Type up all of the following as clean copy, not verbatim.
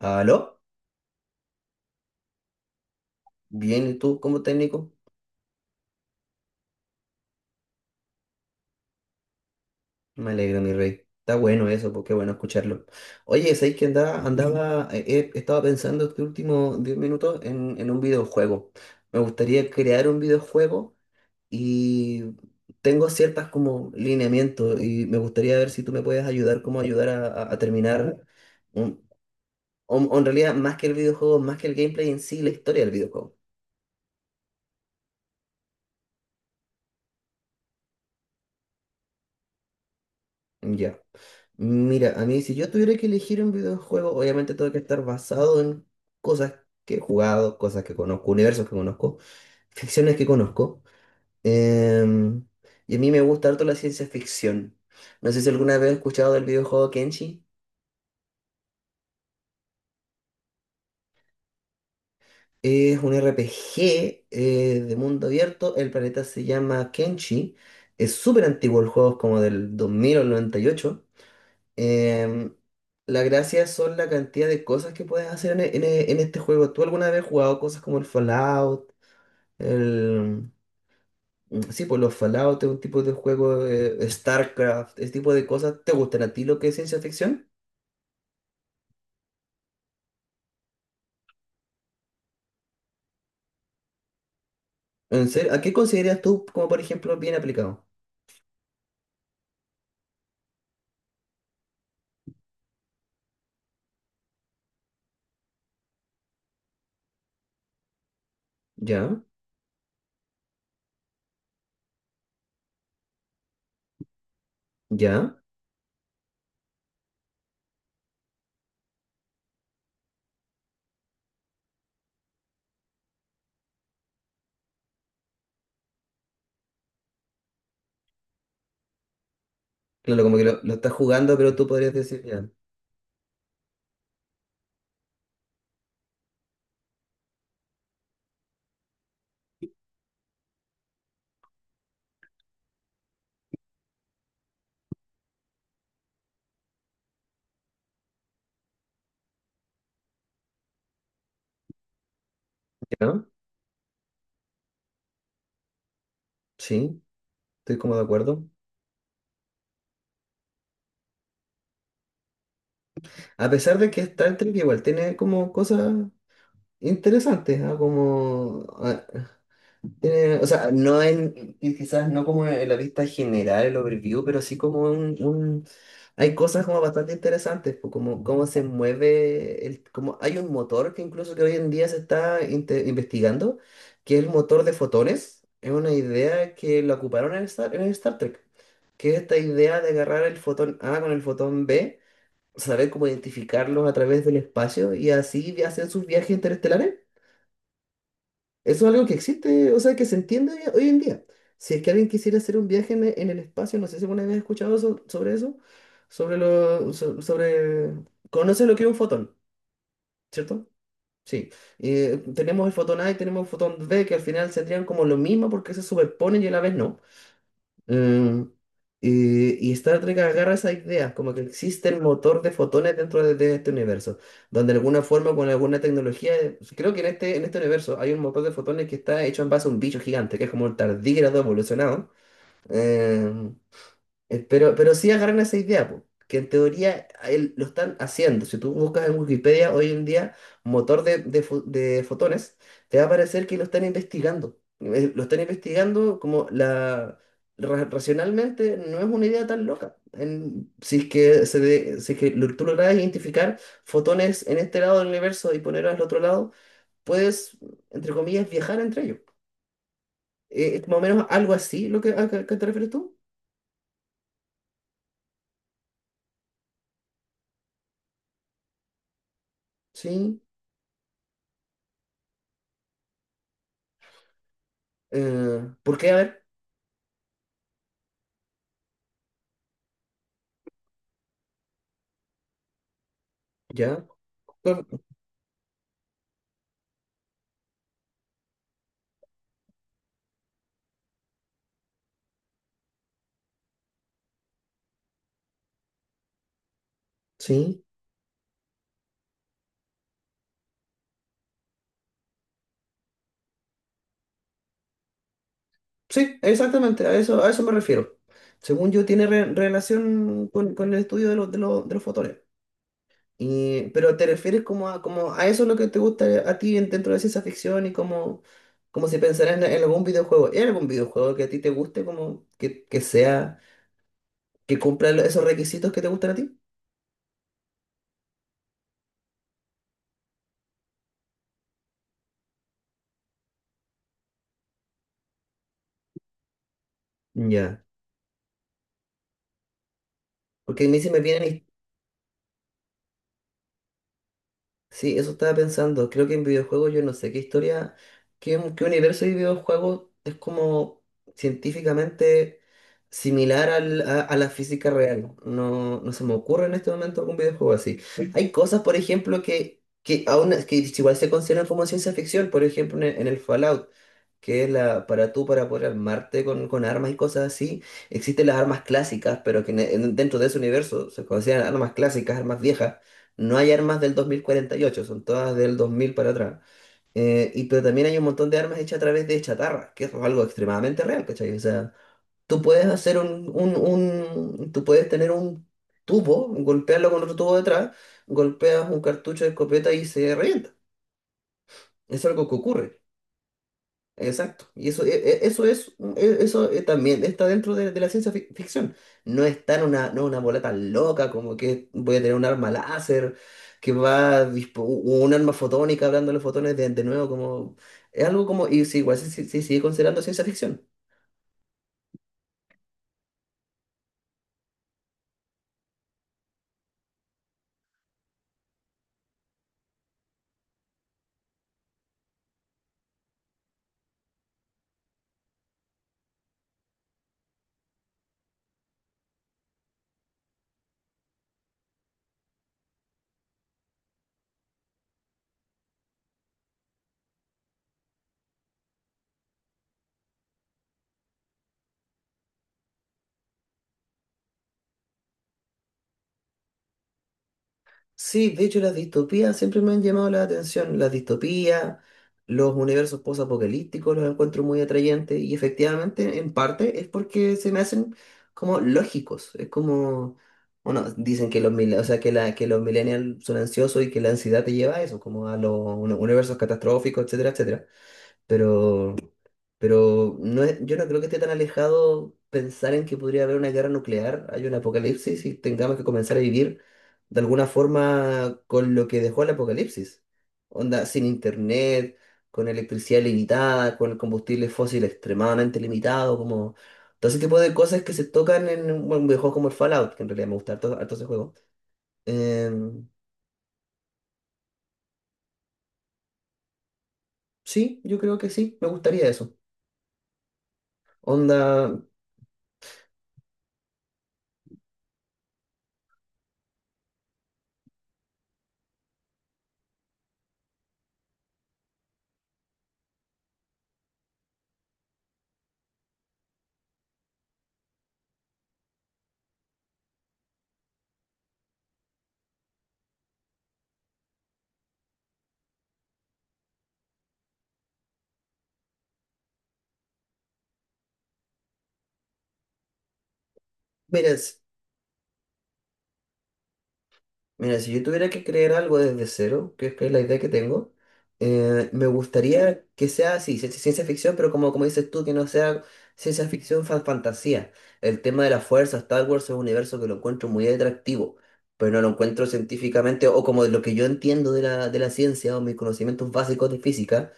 ¿Aló? Bien, ¿y tú como técnico? Me alegro, mi rey. Está bueno eso, porque bueno escucharlo. Oye, ¿sabes que estaba pensando este último 10 minutos en un videojuego? Me gustaría crear un videojuego y tengo ciertas como lineamientos y me gustaría ver si tú me puedes ayudar, cómo ayudar a terminar, un- o en realidad más que el videojuego, más que el gameplay en sí, la historia del videojuego. Ya. Mira, a mí si yo tuviera que elegir un videojuego, obviamente tengo que estar basado en cosas que he jugado, cosas que conozco, universos que conozco, ficciones que conozco. Em, y a mí me gusta harto la ciencia ficción. No sé si alguna vez has escuchado del videojuego Kenshi. Es un RPG de mundo abierto. El planeta se llama Kenshi. Es súper antiguo el juego, es como del 2000 o 98. Em, la gracia son la cantidad de cosas que puedes hacer en este juego. ¿Tú alguna vez has jugado cosas como el Fallout? El... mm, sí, pues los Fallout es un tipo de juego, StarCraft, ese tipo de cosas. ¿Te gustan a ti lo que es ciencia ficción? ¿En serio? ¿A qué consideras tú como, por ejemplo, bien aplicado? ¿Ya? ¿Ya? Claro, como que lo estás jugando, pero tú podrías decir ya. ¿Ya? Sí, estoy como de acuerdo. A pesar de que Star Trek igual tiene como cosas interesantes, ¿ah? O sea, y quizás no como en la vista general, el overview, pero sí como hay cosas como bastante interesantes, pues, como cómo se mueve, el, como hay un motor que incluso que hoy en día se está investigando, que es el motor de fotones, es una idea que la ocuparon en Star Trek, que es esta idea de agarrar el fotón A con el fotón B, saber cómo identificarlos a través del espacio y así hacen sus viajes interestelares. Eso es algo que existe, o sea, que se entiende hoy en día. Si es que alguien quisiera hacer un viaje en el espacio, no sé si alguna vez has escuchado sobre eso, sobre lo, so- sobre, conoces lo que es un fotón, ¿cierto? Sí. Tenemos el fotón A y tenemos el fotón B, que al final serían como lo mismo porque se superponen y a la vez no. Mm, y Star Trek agarra esa idea, como que existe el motor de fotones dentro de este universo, donde de alguna forma, con alguna tecnología, creo que en este universo hay un motor de fotones que está hecho en base a un bicho gigante, que es como un tardígrado evolucionado. Eh, pero sí agarran esa idea, po, que en teoría lo están haciendo. Si tú buscas en Wikipedia hoy en día motor de fotones, te va a parecer que lo están investigando. Lo están investigando racionalmente no es una idea tan loca. En- si es que, se de- si es que lo- tú logras identificar fotones en este lado del universo y ponerlos al otro lado, puedes, entre comillas, viajar entre ellos. Es más o menos algo así lo que, a que te refieres tú. Sí. ¿Por qué? A ver. Ya, cor- sí, sí, exactamente, a eso me refiero. Según yo, tiene relación con el estudio de los fotones. Pero te refieres como como a eso lo que te gusta a ti dentro de ciencia ficción y como si pensaras en algún videojuego. ¿Hay algún videojuego que a ti te guste, como que sea, que cumpla esos requisitos que te gustan a ti? Ya. Porque a mí se me vienen. Sí, eso estaba pensando. Creo que en videojuegos yo no sé qué historia, qué universo de videojuegos es como científicamente similar a la física real. No, no se me ocurre en este momento algún videojuego así. Hay cosas, por ejemplo, que aún que igual se consideran como ciencia ficción, por ejemplo, en el Fallout que es la, para tú, para poder armarte con armas y cosas así, existen las armas clásicas, pero que dentro de ese universo se consideran armas clásicas, armas viejas. No hay armas del 2048, son todas del 2000 para atrás. Pero también hay un montón de armas hechas a través de chatarra, que es algo extremadamente real, ¿cachai? O sea, tú puedes hacer un, tú puedes tener un tubo, golpearlo con otro tubo detrás, golpeas un cartucho de escopeta y se revienta. Es algo que ocurre. Exacto, y eso, e- e- eso es, e- eso también está dentro de la ciencia ficción. No está en no una bola tan loca como que voy a tener un arma láser, que va a un arma fotónica hablando de los fotones de nuevo, como es algo como, y sí, igual se sigue considerando ciencia ficción. Sí, de hecho las distopías siempre me han llamado la atención. Las distopías, los universos posapocalípticos los encuentro muy atrayentes y efectivamente en parte es porque se me hacen como lógicos. Es como, bueno, dicen que los, mil- o sea, que la, que los millennials son ansiosos y que la ansiedad te lleva a eso, como a los universos catastróficos, etcétera, etcétera. Pero pero yo no creo que esté tan alejado pensar en que podría haber una guerra nuclear, hay un apocalipsis y tengamos que comenzar a vivir de alguna forma con lo que dejó el apocalipsis. Onda, sin internet, con electricidad limitada, con combustible fósil extremadamente limitado, como todo ese tipo de cosas que se tocan en un videojuego como el Fallout, que en realidad me gusta harto, harto ese juego. Em, sí, yo creo que sí, me gustaría eso. Onda, mira, Mira, si yo tuviera que crear algo desde cero, que es la idea que tengo, me gustaría que sea así, ciencia ficción, pero como, como dices tú, que no sea ciencia ficción fantasía. El tema de la fuerza, Star Wars es un universo que lo encuentro muy atractivo, pero no lo encuentro científicamente, o como de lo que yo entiendo de de la ciencia o mis conocimientos básicos de física,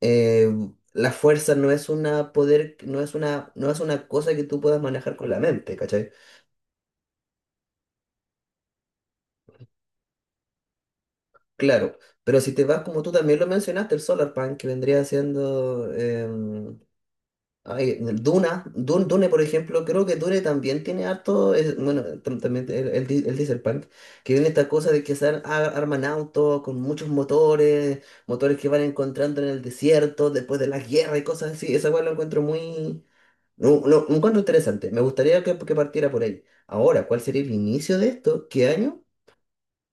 eh, la fuerza no es una poder, no es una cosa que tú puedas manejar con la mente, ¿cachai? Claro, pero si te vas, como tú también lo mencionaste, el Solarpunk, que vendría siendo ay, el Duna, Dune, por ejemplo, creo que Dune también tiene harto, bueno, también el Dieselpunk, que viene esta cosa de que arman autos con muchos motores, motores que van encontrando en el desierto después de la guerra y cosas así, esa cual lo encuentro muy, lo encuentro interesante, me gustaría que partiera por ahí. Ahora, ¿cuál sería el inicio de esto? ¿Qué año?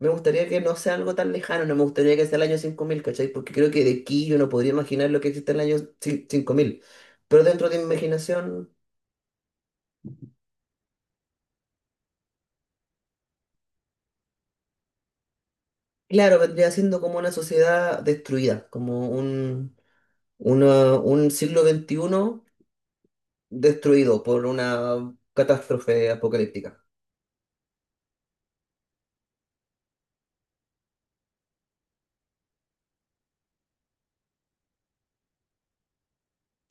Me gustaría que no sea algo tan lejano, no me gustaría que sea el año 5000, ¿cachai? Porque creo que de aquí yo no podría imaginar lo que existe en el año 5000. Pero dentro de mi imaginación, claro, vendría siendo como una sociedad destruida, como un siglo XXI destruido por una catástrofe apocalíptica.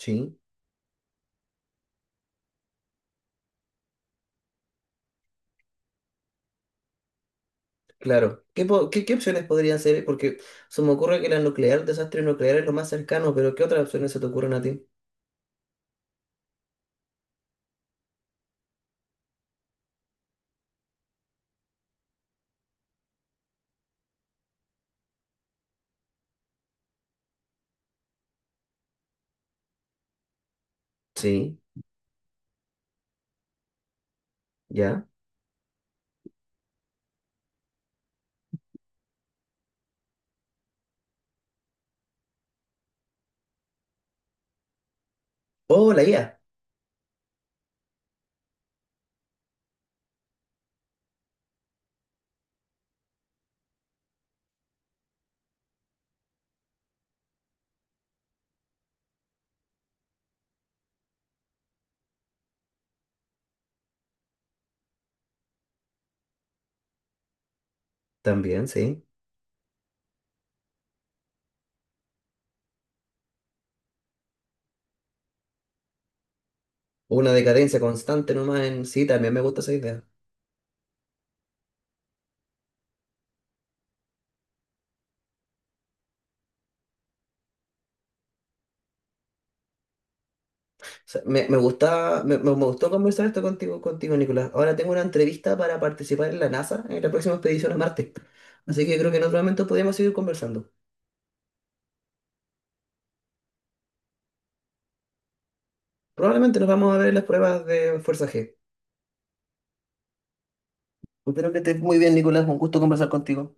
Sí, claro. ¿Qué opciones podrían ser? Porque se me ocurre que la nuclear, el desastre nuclear es lo más cercano, pero ¿qué otras opciones se te ocurren a ti? Sí, ya. O la IA, también, sí. Una decadencia constante nomás en. Sí, también me gusta esa idea. O sea, me gusta, me- me gustó conversar esto contigo, Nicolás. Ahora tengo una entrevista para participar en la NASA en la próxima expedición a Marte. Así que creo que en otro momento podríamos seguir conversando. Probablemente nos vamos a ver en las pruebas de Fuerza G. Espero que estés muy bien, Nicolás. Un gusto conversar contigo.